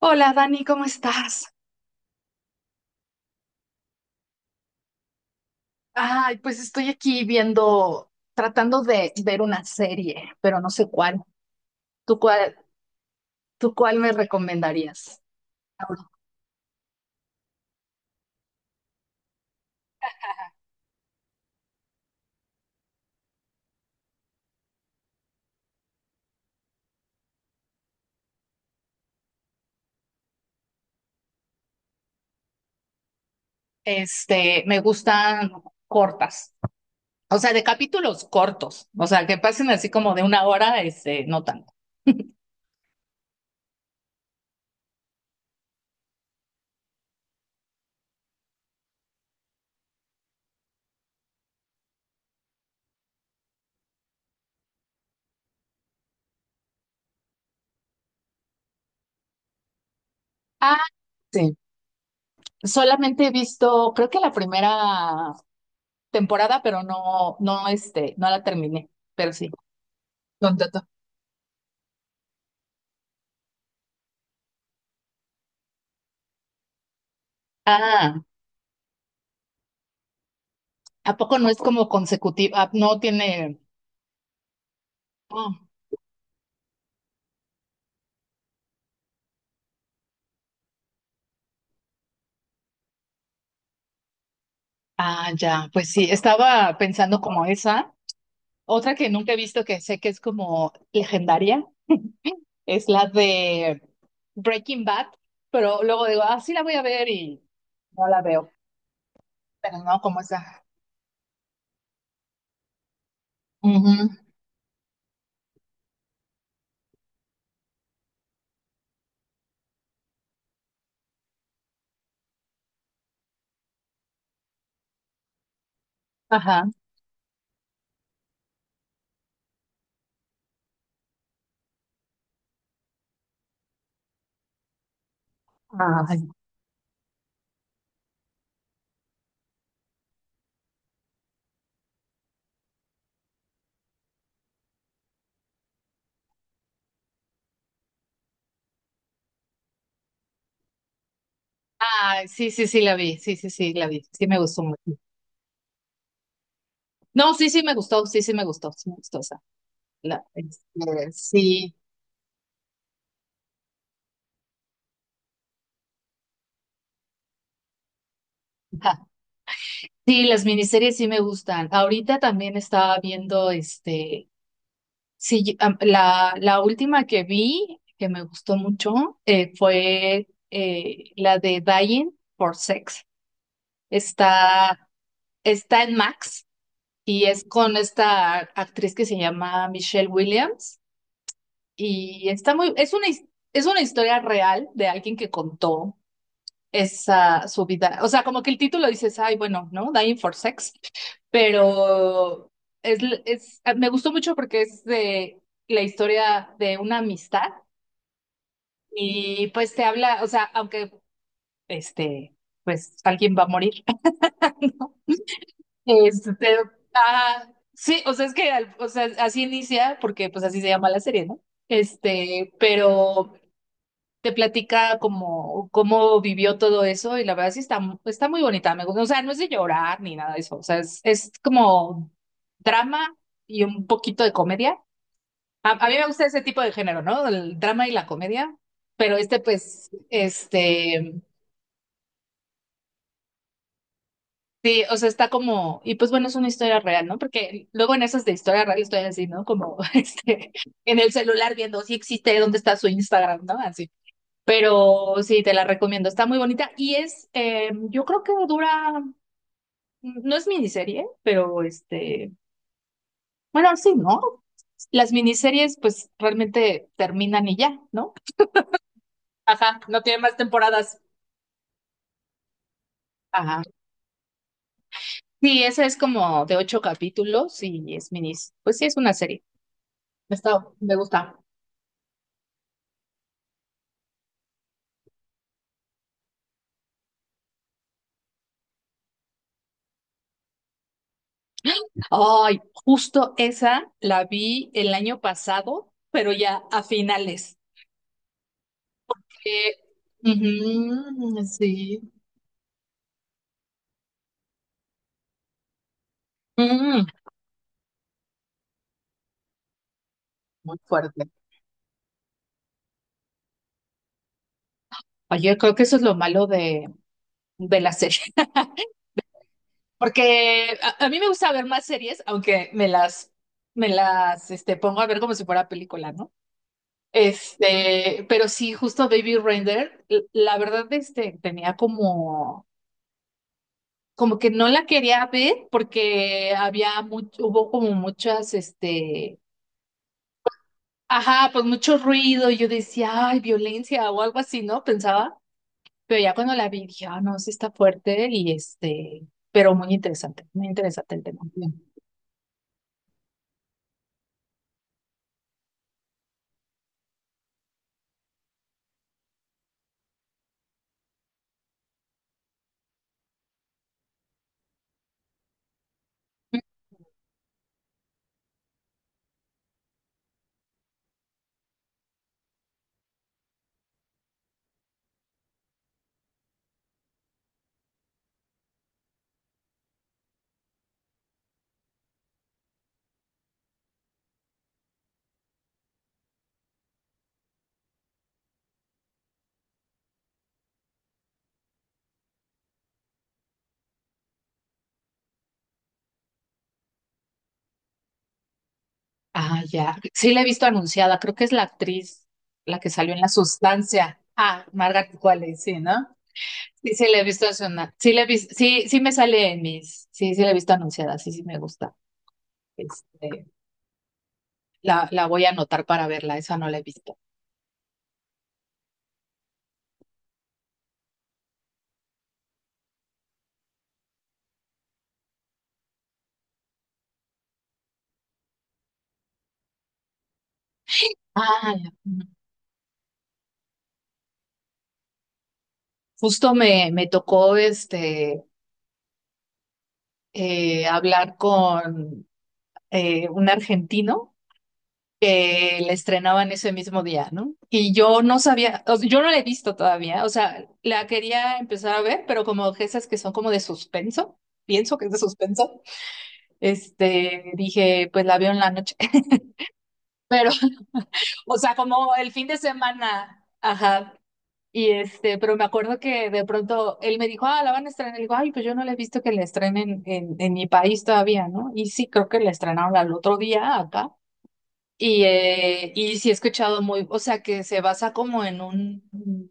Hola Dani, ¿cómo estás? Ay, pues estoy aquí viendo, tratando de ver una serie, pero no sé cuál. ¿Tú cuál, tú cuál me recomendarías? Me gustan cortas, o sea, de capítulos cortos, o sea, que pasen así como de una hora, no tanto. Ah, sí. Solamente he visto, creo que la primera temporada, pero no, no la terminé, pero sí. ¿Dónde Ah. ¿A poco no es como consecutiva? No tiene. Oh, ah, ya, pues sí, estaba pensando como esa. Otra que nunca he visto que sé que es como legendaria es la de Breaking Bad, pero luego digo, ah, sí la voy a ver y no la veo. Pero no, como esa. Ujú. Ajá. Ay. Ay, sí, sí, sí la vi, sí, sí, sí la vi, sí me gustó mucho. No, sí, sí me gustó, sí, sí me gustó esa. Sí. Sí, las miniseries sí me gustan. Ahorita también estaba viendo sí, la última que vi, que me gustó mucho, fue la de Dying for Sex. Está, está en Max y es con esta actriz que se llama Michelle Williams y está muy, es una, es una historia real de alguien que contó esa su vida. O sea, como que el título dices, ay, bueno, ¿no? Dying for Sex, pero es, es, ah, me gustó mucho porque es de la historia de una amistad y pues te habla, o sea, aunque este, pues alguien va a morir. este, ah, sí, o sea, es que, o sea, así inicia porque pues así se llama la serie, ¿no? Pero te platica como cómo vivió todo eso y la verdad sí está, está muy bonita, me gusta, o sea, no es de llorar ni nada de eso, o sea, es como drama y un poquito de comedia. A mí me gusta ese tipo de género, ¿no? El drama y la comedia, pero sí, o sea, está como, y pues bueno, es una historia real, ¿no? Porque luego en esas de historia real estoy así, ¿no? Como en el celular viendo si existe, dónde está su Instagram, ¿no? Así. Pero sí, te la recomiendo, está muy bonita y es, yo creo que dura, no es miniserie, pero bueno, sí, ¿no? Las miniseries pues realmente terminan y ya, ¿no? Ajá, no tiene más temporadas. Ajá. Sí, esa es como de 8 capítulos y es minis. Pues sí, es una serie. Está, me gusta. Ay, justo esa la vi el año pasado, pero ya a finales. Eh, ujú, sí. Mm, muy fuerte. Oye, creo que eso es lo malo de la serie. Porque a mí me gusta ver más series, aunque me las pongo a ver como si fuera película, ¿no? Pero sí, justo Baby Render, la verdad, tenía como, como que no la quería ver porque había mucho, hubo como muchas, ajá, pues mucho ruido. Y yo decía, ay, violencia o algo así, ¿no? Pensaba, pero ya cuando la vi dije, ah, no, sí está fuerte y pero muy interesante el tema. Ah, ya, sí la he visto anunciada, creo que es la actriz, la que salió en La Sustancia. Ah, Margaret Qualley, sí, ¿no? Sí, sí la he visto anunciada. Sí, sí, sí me sale en mis, sí, sí la he visto anunciada, sí, sí me gusta. Este, la voy a anotar para verla, esa no la he visto. Ah, ya. Ujú. Justo me tocó hablar con un argentino que la estrenaban ese mismo día, ¿no? Y yo no sabía, o sea, yo no la he visto todavía, o sea, la quería empezar a ver, pero como esas que son como de suspenso, pienso que es de suspenso, dije, pues la veo en la noche. Pero, o sea, como el fin de semana, ajá. Y pero me acuerdo que de pronto él me dijo, ah, la van a estrenar. Y digo, ay, pues yo no la he visto que la estrenen en mi país todavía, ¿no? Y sí, creo que la estrenaron al otro día acá. Y sí he escuchado muy, o sea, que se basa como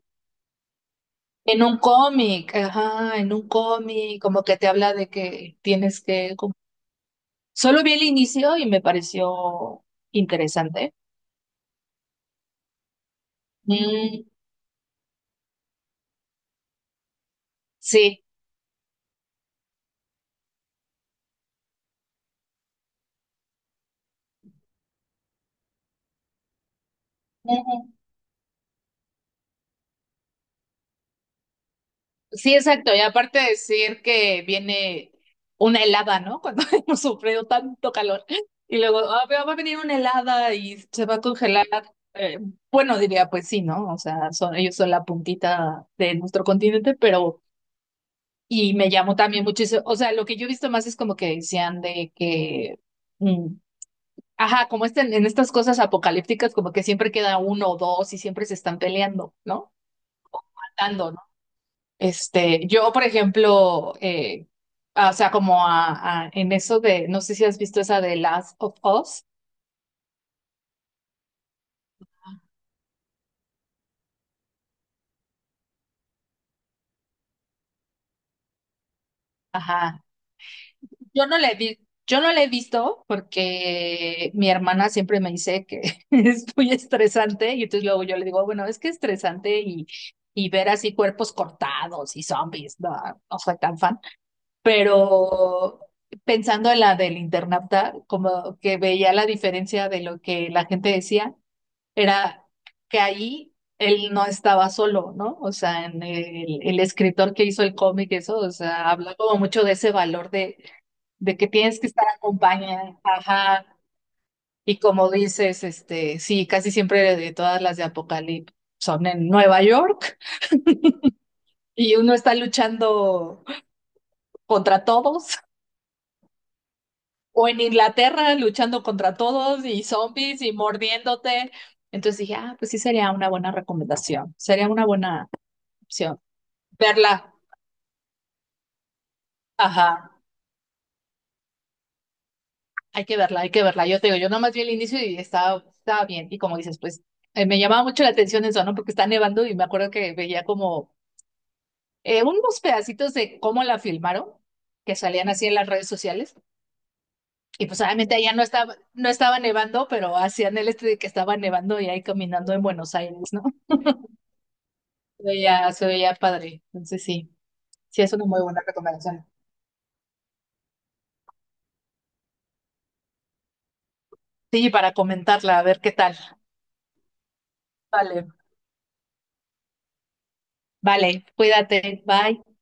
en un cómic, ajá, en un cómic, como que te habla de que tienes que, como- Solo vi el inicio y me pareció interesante. Mm, sí. Sí, exacto. Y aparte decir que viene una helada, ¿no? Cuando hemos sufrido tanto calor. Y luego, "Ah, pero va a venir una helada y se va a congelar. Eh, bueno, diría, pues sí, ¿no? O sea, son, ellos son la puntita de nuestro continente, pero... Y me llamó también muchísimo. O sea, lo que yo he visto más es como que decían de que... mm, ajá, como en estas cosas apocalípticas, como que siempre queda uno o dos y siempre se están peleando, ¿no? Matando, yo, por ejemplo, ah, o sea, como en eso de, no sé si has visto esa de Last of Us. Ajá. Yo no la he vi- yo no la he visto porque mi hermana siempre me dice que es muy estresante y entonces luego yo le digo, bueno, es que es estresante y ver así cuerpos cortados y zombies, no, no soy tan fan. Pero pensando en la del internauta, como que veía la diferencia de lo que la gente decía. Era que ahí él no estaba solo, ¿no? O sea, el escritor que hizo el cómic, eso, o sea, habla como mucho de ese valor de que tienes que estar acompañada, ajá, y como dices, sí, casi siempre de todas las de Apocalipsis son en Nueva York y uno está luchando contra todos. O en Inglaterra luchando contra todos y zombies y mordiéndote. Entonces dije, ah, pues sí sería una buena recomendación, sería una buena opción verla. Ajá, hay que verla, hay que verla. Yo te digo, yo nomás vi el inicio y estaba bien. Y como dices, pues me llamaba mucho la atención eso, ¿no? Porque está nevando y me acuerdo que veía como unos pedacitos de cómo la filmaron, que salían así en las redes sociales. Y pues obviamente allá no estaba, no estaba nevando, pero hacían el este de que estaba nevando y ahí caminando en Buenos Aires, ¿no? Se veía padre. Entonces sí, sí es una muy buena recomendación. Sí, para comentarla, a ver qué tal. Vale, vale, cuídate, bye.